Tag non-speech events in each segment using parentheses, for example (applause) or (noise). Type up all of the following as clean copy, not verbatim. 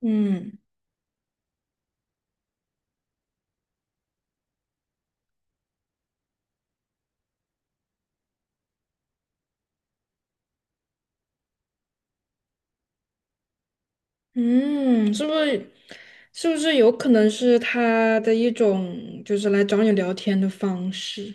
嗯嗯，是不是有可能是他的一种就是来找你聊天的方式？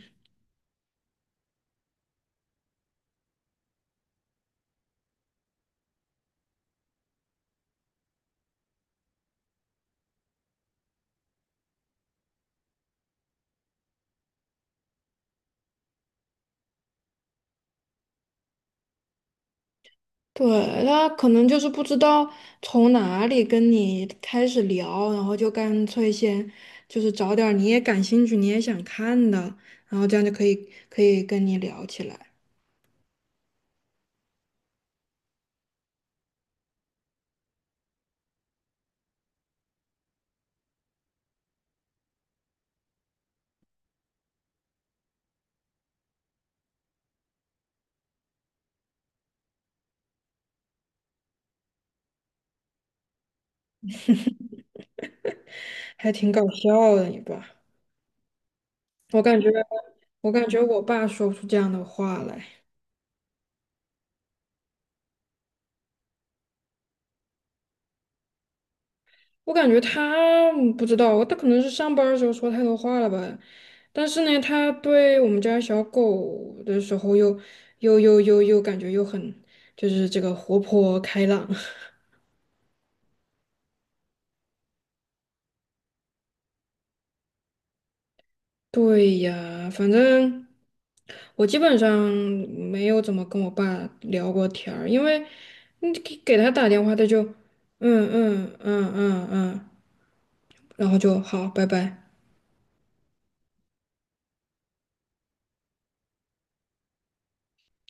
对，他可能就是不知道从哪里跟你开始聊，然后就干脆先就是找点儿你也感兴趣、你也想看的，然后这样就可以跟你聊起来。还挺搞笑的，你爸。我感觉，我感觉我爸说不出这样的话来。我感觉他嗯不知道，他可能是上班儿的时候说太多话了吧。但是呢，他对我们家小狗的时候又感觉又很就是这个活泼开朗。(laughs) 对呀，反正我基本上没有怎么跟我爸聊过天儿，因为你给他打电话，他就嗯，然后就好，拜拜。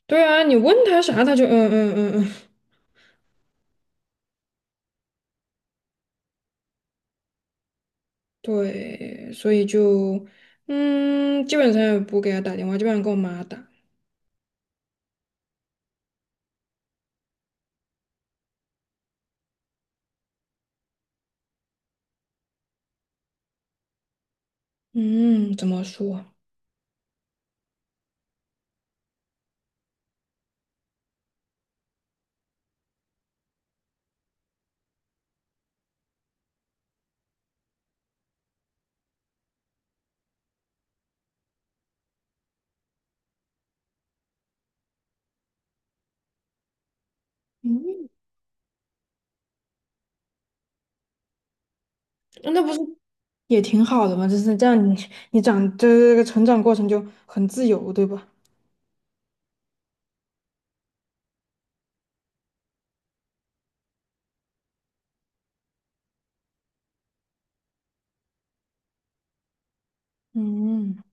对啊，你问他啥，他就嗯嗯嗯嗯。对，所以就，嗯，基本上也不给他打电话，基本上跟我妈打。嗯，怎么说？嗯，那不是也挺好的吗？就是这样你，你长这个成长过程就很自由，对吧？嗯，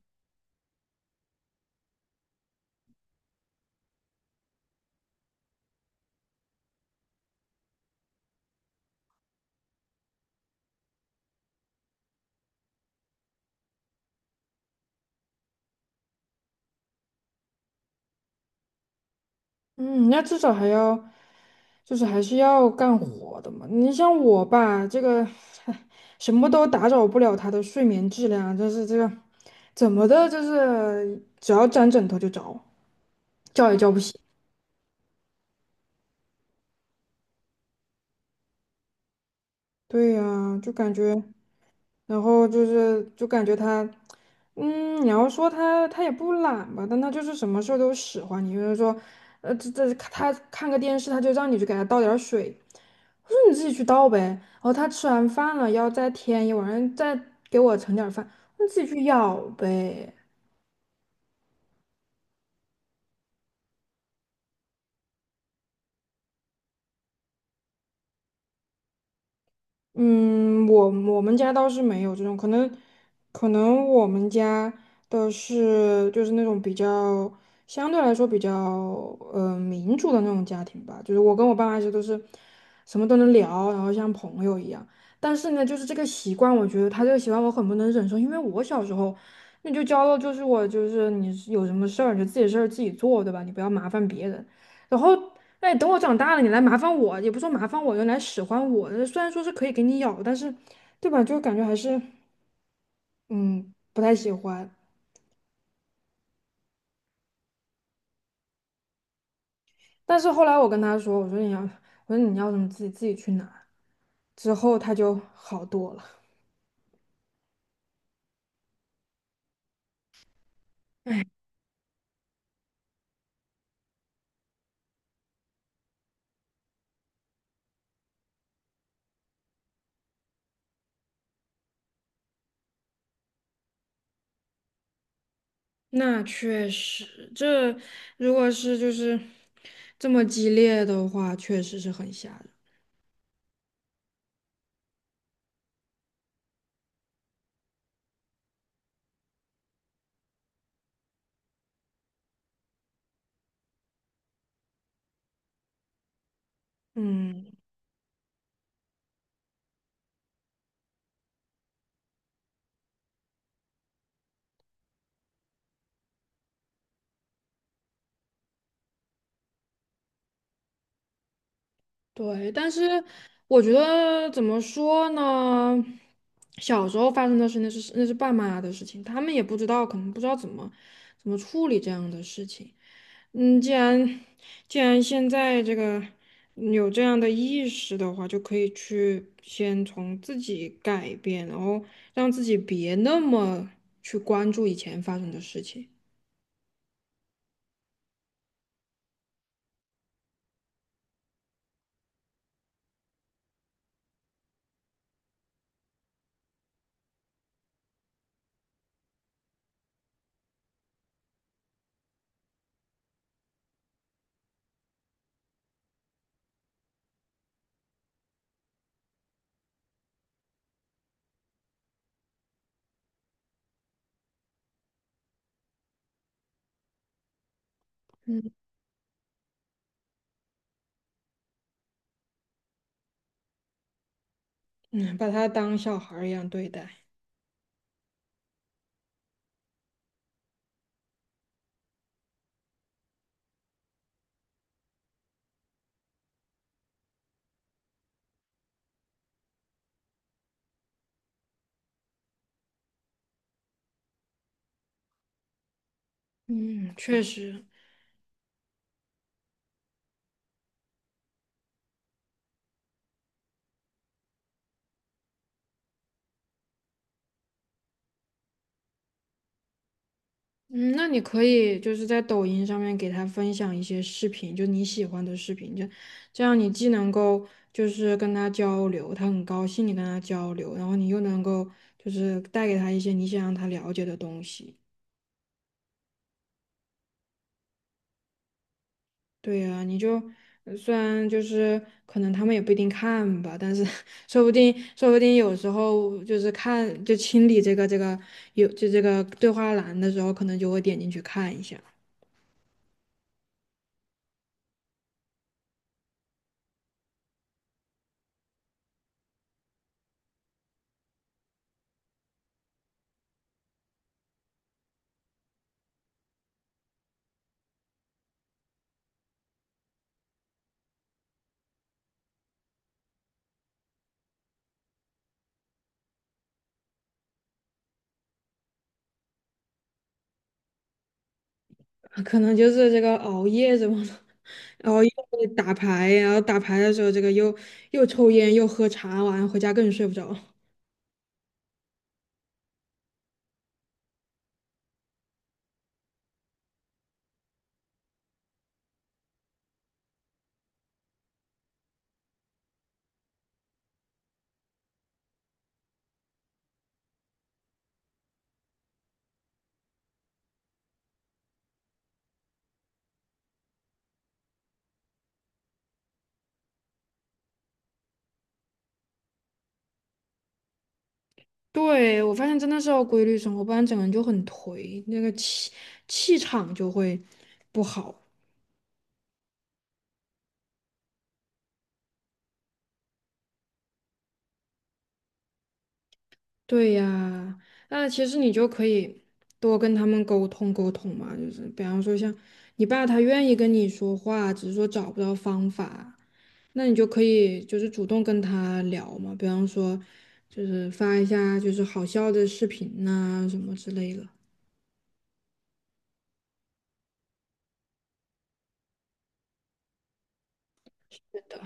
嗯，那至少还要，就是还是要干活的嘛。你像我吧，这个 (laughs) 什么都打扰不了他的睡眠质量啊，就是这个怎么的，就是只要沾枕头就着，叫也叫不醒。对呀，就感觉。然后就是就感觉他，嗯，你要说他也不懒吧，但他就是什么事儿都使唤你，比如说，这他看个电视，他就让你去给他倒点儿水，我说你自己去倒呗。然后他吃完饭了，要再添一碗，再给我盛点儿饭，你自己去舀呗。嗯，我们家倒是没有这种，可能可能我们家的是就是那种比较相对来说比较民主的那种家庭吧，就是我跟我爸妈其实都是什么都能聊，然后像朋友一样。但是呢，就是这个习惯，我觉得他这个习惯我很不能忍受，因为我小时候那就教了，就是我就是你有什么事儿你就自己事儿自己做，对吧？你不要麻烦别人。然后哎，等我长大了，你来麻烦我，也不说麻烦我，就来使唤我。虽然说是可以给你咬，但是，对吧？就感觉还是，嗯，不太喜欢。但是后来我跟他说，我说你要什么自己去拿。之后他就好多了。哎，那确实，这如果是就是这么激烈的话，确实是很吓人。嗯。对，但是我觉得怎么说呢？小时候发生的事，那是爸妈的事情，他们也不知道，可能不知道怎么处理这样的事情。嗯，既然现在这个有这样的意识的话，就可以去先从自己改变，然后让自己别那么去关注以前发生的事情，嗯，把他当小孩儿一样对待。嗯，确实。嗯，那你可以就是在抖音上面给他分享一些视频，就你喜欢的视频，就这样你既能够就是跟他交流，他很高兴你跟他交流，然后你又能够就是带给他一些你想让他了解的东西。对呀，你就虽然就是可能他们也不一定看吧，但是 (laughs) 说不定有时候就是看就清理这个有就这个对话栏的时候，可能就会点进去看一下。啊可能就是这个熬夜什么的，熬夜打牌，然后打牌的时候这个又抽烟又喝茶，晚上回家更睡不着。对，我发现真的是要规律生活，不然整个人就很颓，那个气场就会不好。对呀，那其实你就可以多跟他们沟通沟通嘛，就是比方说像你爸他愿意跟你说话，只是说找不到方法，那你就可以就是主动跟他聊嘛，比方说就是发一下就是好笑的视频呐、什么之类的。对的，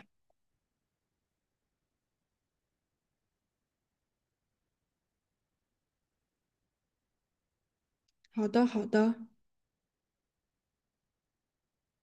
好的，好的。